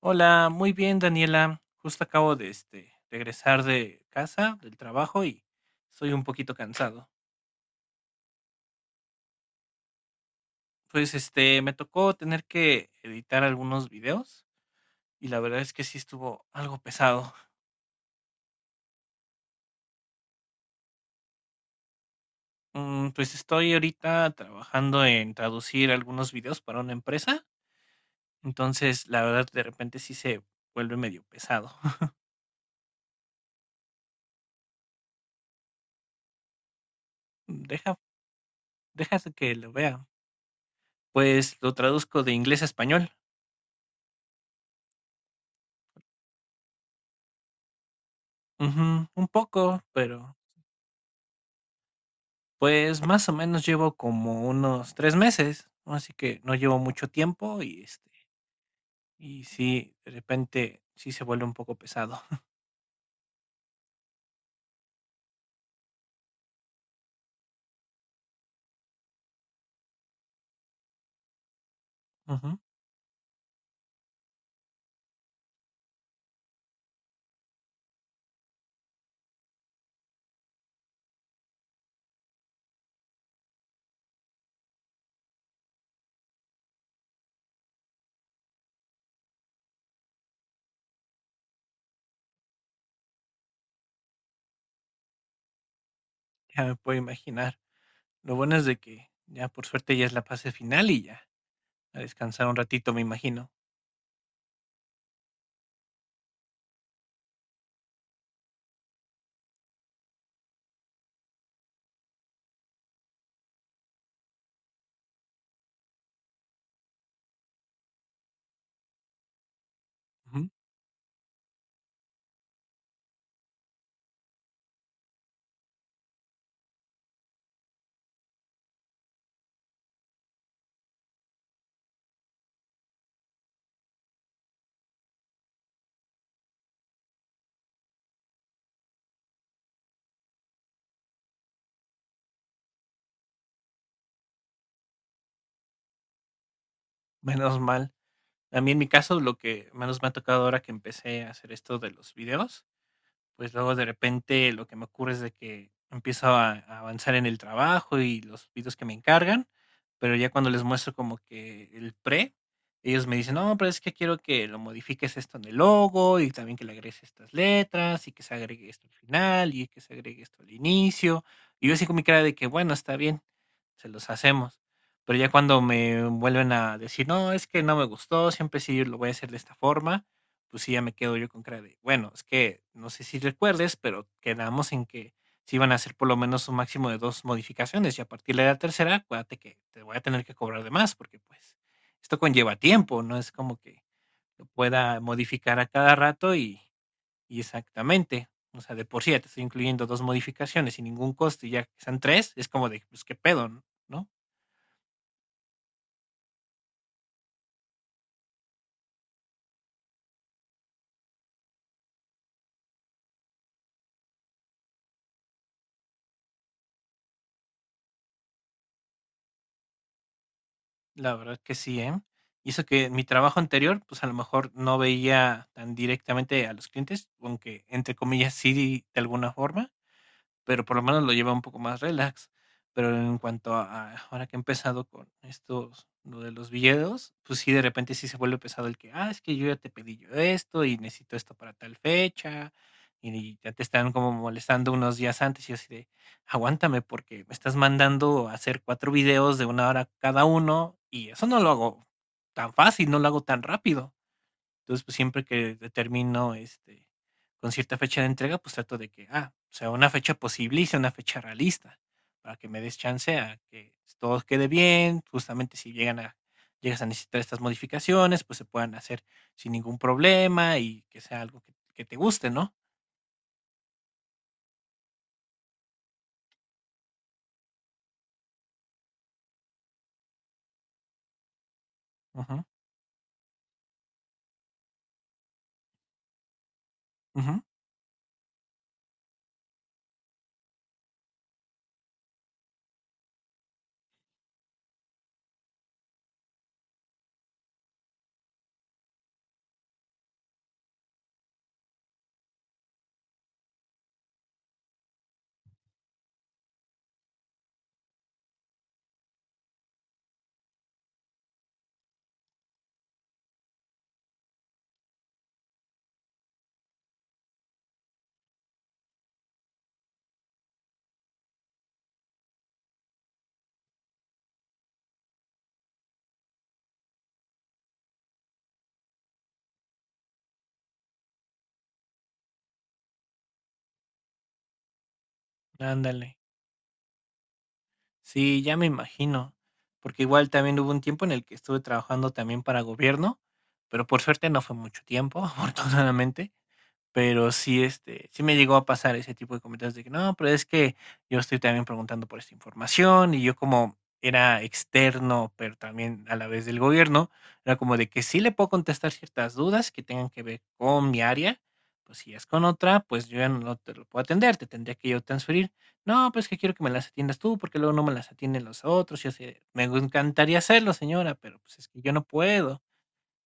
Hola, muy bien, Daniela. Justo acabo de regresar de casa, del trabajo y estoy un poquito cansado. Pues me tocó tener que editar algunos videos y la verdad es que sí estuvo algo pesado. Pues estoy ahorita trabajando en traducir algunos videos para una empresa, entonces la verdad de repente sí se vuelve medio pesado. Deja, déjate que lo vea. Pues lo traduzco de inglés a español. Ujú, un poco, Pues, más o menos llevo como unos 3 meses, ¿no? Así que no llevo mucho tiempo y, sí, de repente sí se vuelve un poco pesado. Ujú, ya me puedo imaginar. Lo bueno es de que ya, por suerte, ya es la fase final y ya, a descansar un ratito, me imagino. Ujú, menos mal. A mí, en mi caso, lo que menos me ha tocado ahora que empecé a hacer esto de los videos, pues luego de repente lo que me ocurre es de que empiezo a avanzar en el trabajo y los videos que me encargan, pero ya cuando les muestro como que ellos me dicen, no, pero es que quiero que lo modifiques esto en el logo y también que le agregues estas letras y que se agregue esto al final y que se agregue esto al inicio. Y yo así con mi cara de que, bueno, está bien, se los hacemos. Pero ya cuando me vuelven a decir, no, es que no me gustó, siempre sí lo voy a hacer de esta forma, pues sí, ya me quedo yo con cara de, bueno, es que no sé si recuerdes, pero quedamos en que si iban a hacer por lo menos un máximo de dos modificaciones y a partir de la tercera, acuérdate que te voy a tener que cobrar de más, porque pues esto conlleva tiempo, no es como que lo pueda modificar a cada rato y exactamente, o sea, de por sí ya te estoy incluyendo dos modificaciones sin ningún costo y ya que sean tres, es como de, pues qué pedo, ¿no? La verdad que sí, ¿eh? Y eso que en mi trabajo anterior, pues, a lo mejor no veía tan directamente a los clientes, aunque entre comillas sí, de alguna forma, pero por lo menos lo lleva un poco más relax. Pero en cuanto a ahora que he empezado con estos, lo de los videos, pues sí, de repente sí se vuelve pesado el que, ah, es que yo ya te pedí yo esto y necesito esto para tal fecha, y ya te están como molestando unos días antes y así de, aguántame porque me estás mandando a hacer 4 videos de una hora cada uno y eso no lo hago tan fácil, no lo hago tan rápido. Entonces, pues, siempre que determino, con cierta fecha de entrega, pues, trato de que, ah, sea una fecha posible y sea una fecha realista, para que me des chance a que todo quede bien. Justamente, si llegan a llegas a necesitar estas modificaciones, pues, se puedan hacer sin ningún problema y que sea algo que te guste, ¿no? Ujú, ujú, ándale. Sí, ya me imagino, porque igual también hubo un tiempo en el que estuve trabajando también para gobierno, pero por suerte no fue mucho tiempo, afortunadamente. Pero sí, sí me llegó a pasar ese tipo de comentarios de que: "No, pero es que yo estoy también preguntando por esta información", y yo como era externo, pero también a la vez del gobierno, era como de que sí le puedo contestar ciertas dudas que tengan que ver con mi área. Pues, si es con otra, pues, yo ya no te lo puedo atender, te tendría que yo transferir. "No, pues, que quiero que me las atiendas tú, porque luego no me las atienden los otros", y yo así: "Me encantaría hacerlo, señora, pero, pues, es que yo no puedo".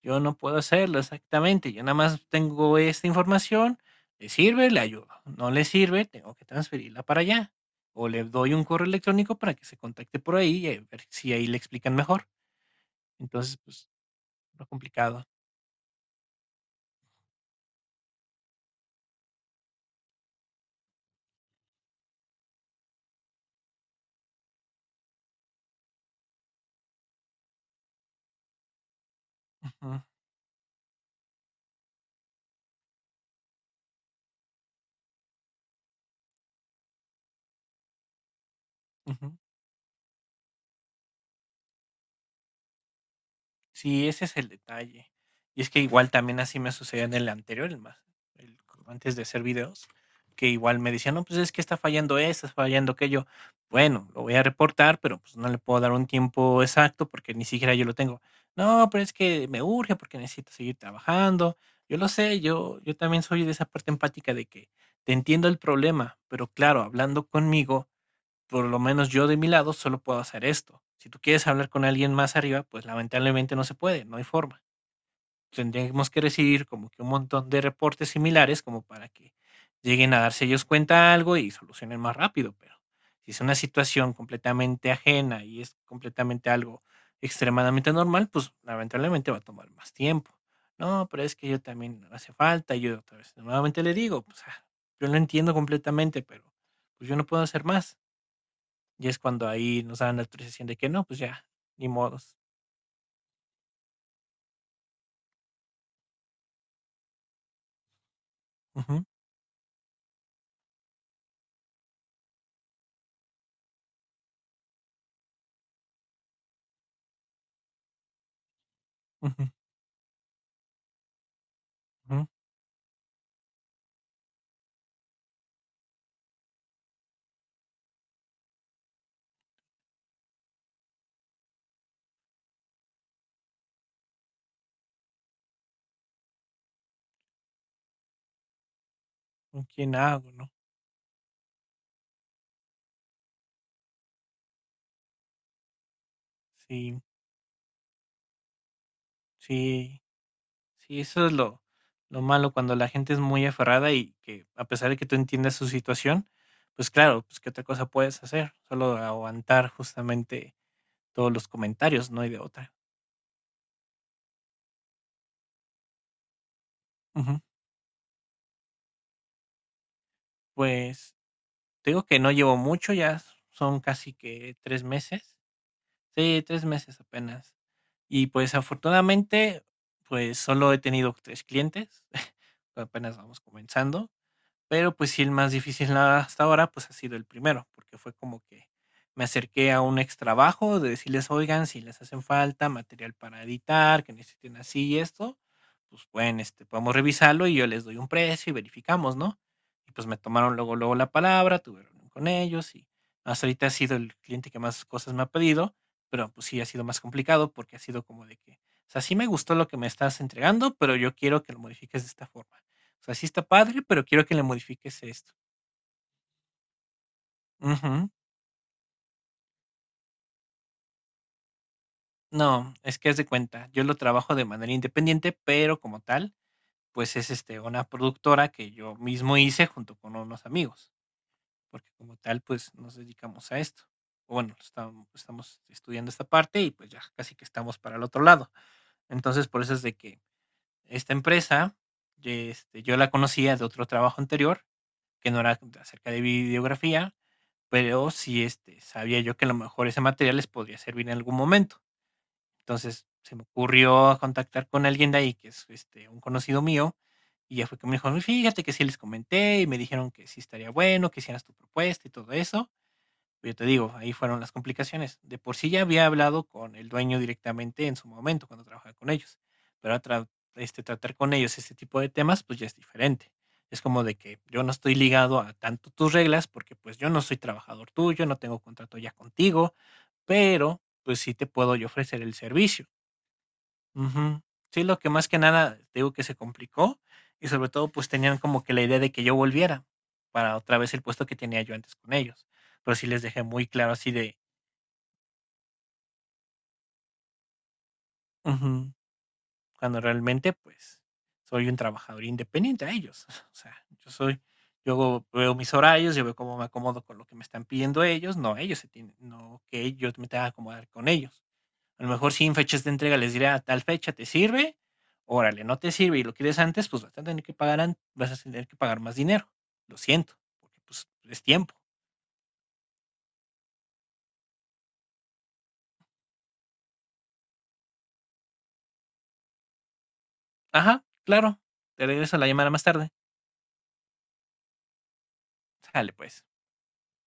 Yo no puedo hacerlo, exactamente. Yo nada más tengo esta información, le sirve, le ayudo. No le sirve, tengo que transferirla para allá. O le doy un correo electrónico para que se contacte por ahí y a ver si ahí le explican mejor. Entonces, pues, lo complicado. Ujú, ujú. Sí, ese es el detalle. Y es que igual también así me sucedió en el anterior, el más, el antes de hacer videos, que igual me decían, no, pues es que está fallando esto, está fallando aquello. Bueno, lo voy a reportar, pero pues no le puedo dar un tiempo exacto porque ni siquiera yo lo tengo. No, pero es que me urge porque necesito seguir trabajando. Yo lo sé, yo también soy de esa parte empática de que te entiendo el problema, pero claro, hablando conmigo, por lo menos yo de mi lado solo puedo hacer esto. Si tú quieres hablar con alguien más arriba, pues lamentablemente no se puede, no hay forma. Tendríamos que recibir como que un montón de reportes similares como para que lleguen a darse ellos cuenta de algo y solucionen más rápido, pero si es una situación completamente ajena y es completamente algo extremadamente normal, pues lamentablemente va a tomar más tiempo. No, pero es que yo también no hace falta, y yo otra vez nuevamente le digo, pues ah, yo lo entiendo completamente, pero pues yo no puedo hacer más, y es cuando ahí nos dan la autorización de que no, pues ya, ni modos. Ujú, ujú, ujú, ¿con quién hago, no? Sí, sí, sí, eso es lo, malo, cuando la gente es muy aferrada y que a pesar de que tú entiendas su situación, pues claro, pues qué otra cosa puedes hacer, solo aguantar justamente todos los comentarios, no hay de otra. Ujú. Pues te digo que no llevo mucho, ya son casi que 3 meses. Sí, 3 meses apenas. Y, pues, afortunadamente, pues, solo he tenido 3 clientes, apenas vamos comenzando. Pero, pues sí, el más difícil hasta ahora, pues, ha sido el primero, porque fue como que me acerqué a un extrabajo de decirles: "Oigan, si les hacen falta material para editar, que necesiten así y esto, pues pueden, este, podemos revisarlo y yo les doy un precio y verificamos", ¿no? Y, pues, me tomaron luego, luego la palabra, tuve reunión con ellos y hasta ahorita ha sido el cliente que más cosas me ha pedido, pero, pues sí, ha sido más complicado, porque ha sido como de que, o sea, sí me gustó lo que me estás entregando, pero yo quiero que lo modifiques de esta forma. O sea, sí está padre, pero quiero que le modifiques esto. Ujú. No, es que haz de cuenta, yo lo trabajo de manera independiente, pero como tal, pues es una productora que yo mismo hice junto con unos amigos, porque como tal, pues nos dedicamos a esto. O bueno, estamos estudiando esta parte y pues ya casi que estamos para el otro lado. Entonces, por eso es de que esta empresa, yo la conocía de otro trabajo anterior, que no era acerca de videografía. Pero sí, sabía yo que a lo mejor ese material les podría servir en algún momento. Entonces, se me ocurrió contactar con alguien de ahí, que es, un conocido mío, y ya fue que me dijo: "Fíjate que sí les comenté, y me dijeron que sí estaría bueno, que hicieras tu propuesta y todo eso". Pero yo te digo, ahí fueron las complicaciones. De por sí ya había hablado con el dueño directamente en su momento cuando trabajaba con ellos, pero a tratar con ellos este tipo de temas, pues ya es diferente. Es como de que yo no estoy ligado a tanto tus reglas, porque pues yo no soy trabajador tuyo, no tengo contrato ya contigo, pero pues sí te puedo yo ofrecer el servicio. Ujú. Sí, lo que más que nada te digo que se complicó, y sobre todo pues tenían como que la idea de que yo volviera para otra vez el puesto que tenía yo antes con ellos. Pero sí les dejé muy claro así de, ujú. Cuando realmente, pues, soy un trabajador independiente a ellos. O sea, yo hago veo mis horarios, yo veo cómo me acomodo con lo que me están pidiendo ellos, no ellos se tienen, no que yo me tenga que acomodar con ellos. A lo mejor sí en fechas de entrega les diré a tal fecha, ¿te sirve? Órale, no te sirve y lo quieres antes, pues vas a tener que pagar más dinero. Lo siento, porque pues es tiempo. Ajá, claro. Te regreso la llamada más tarde. Sale, pues.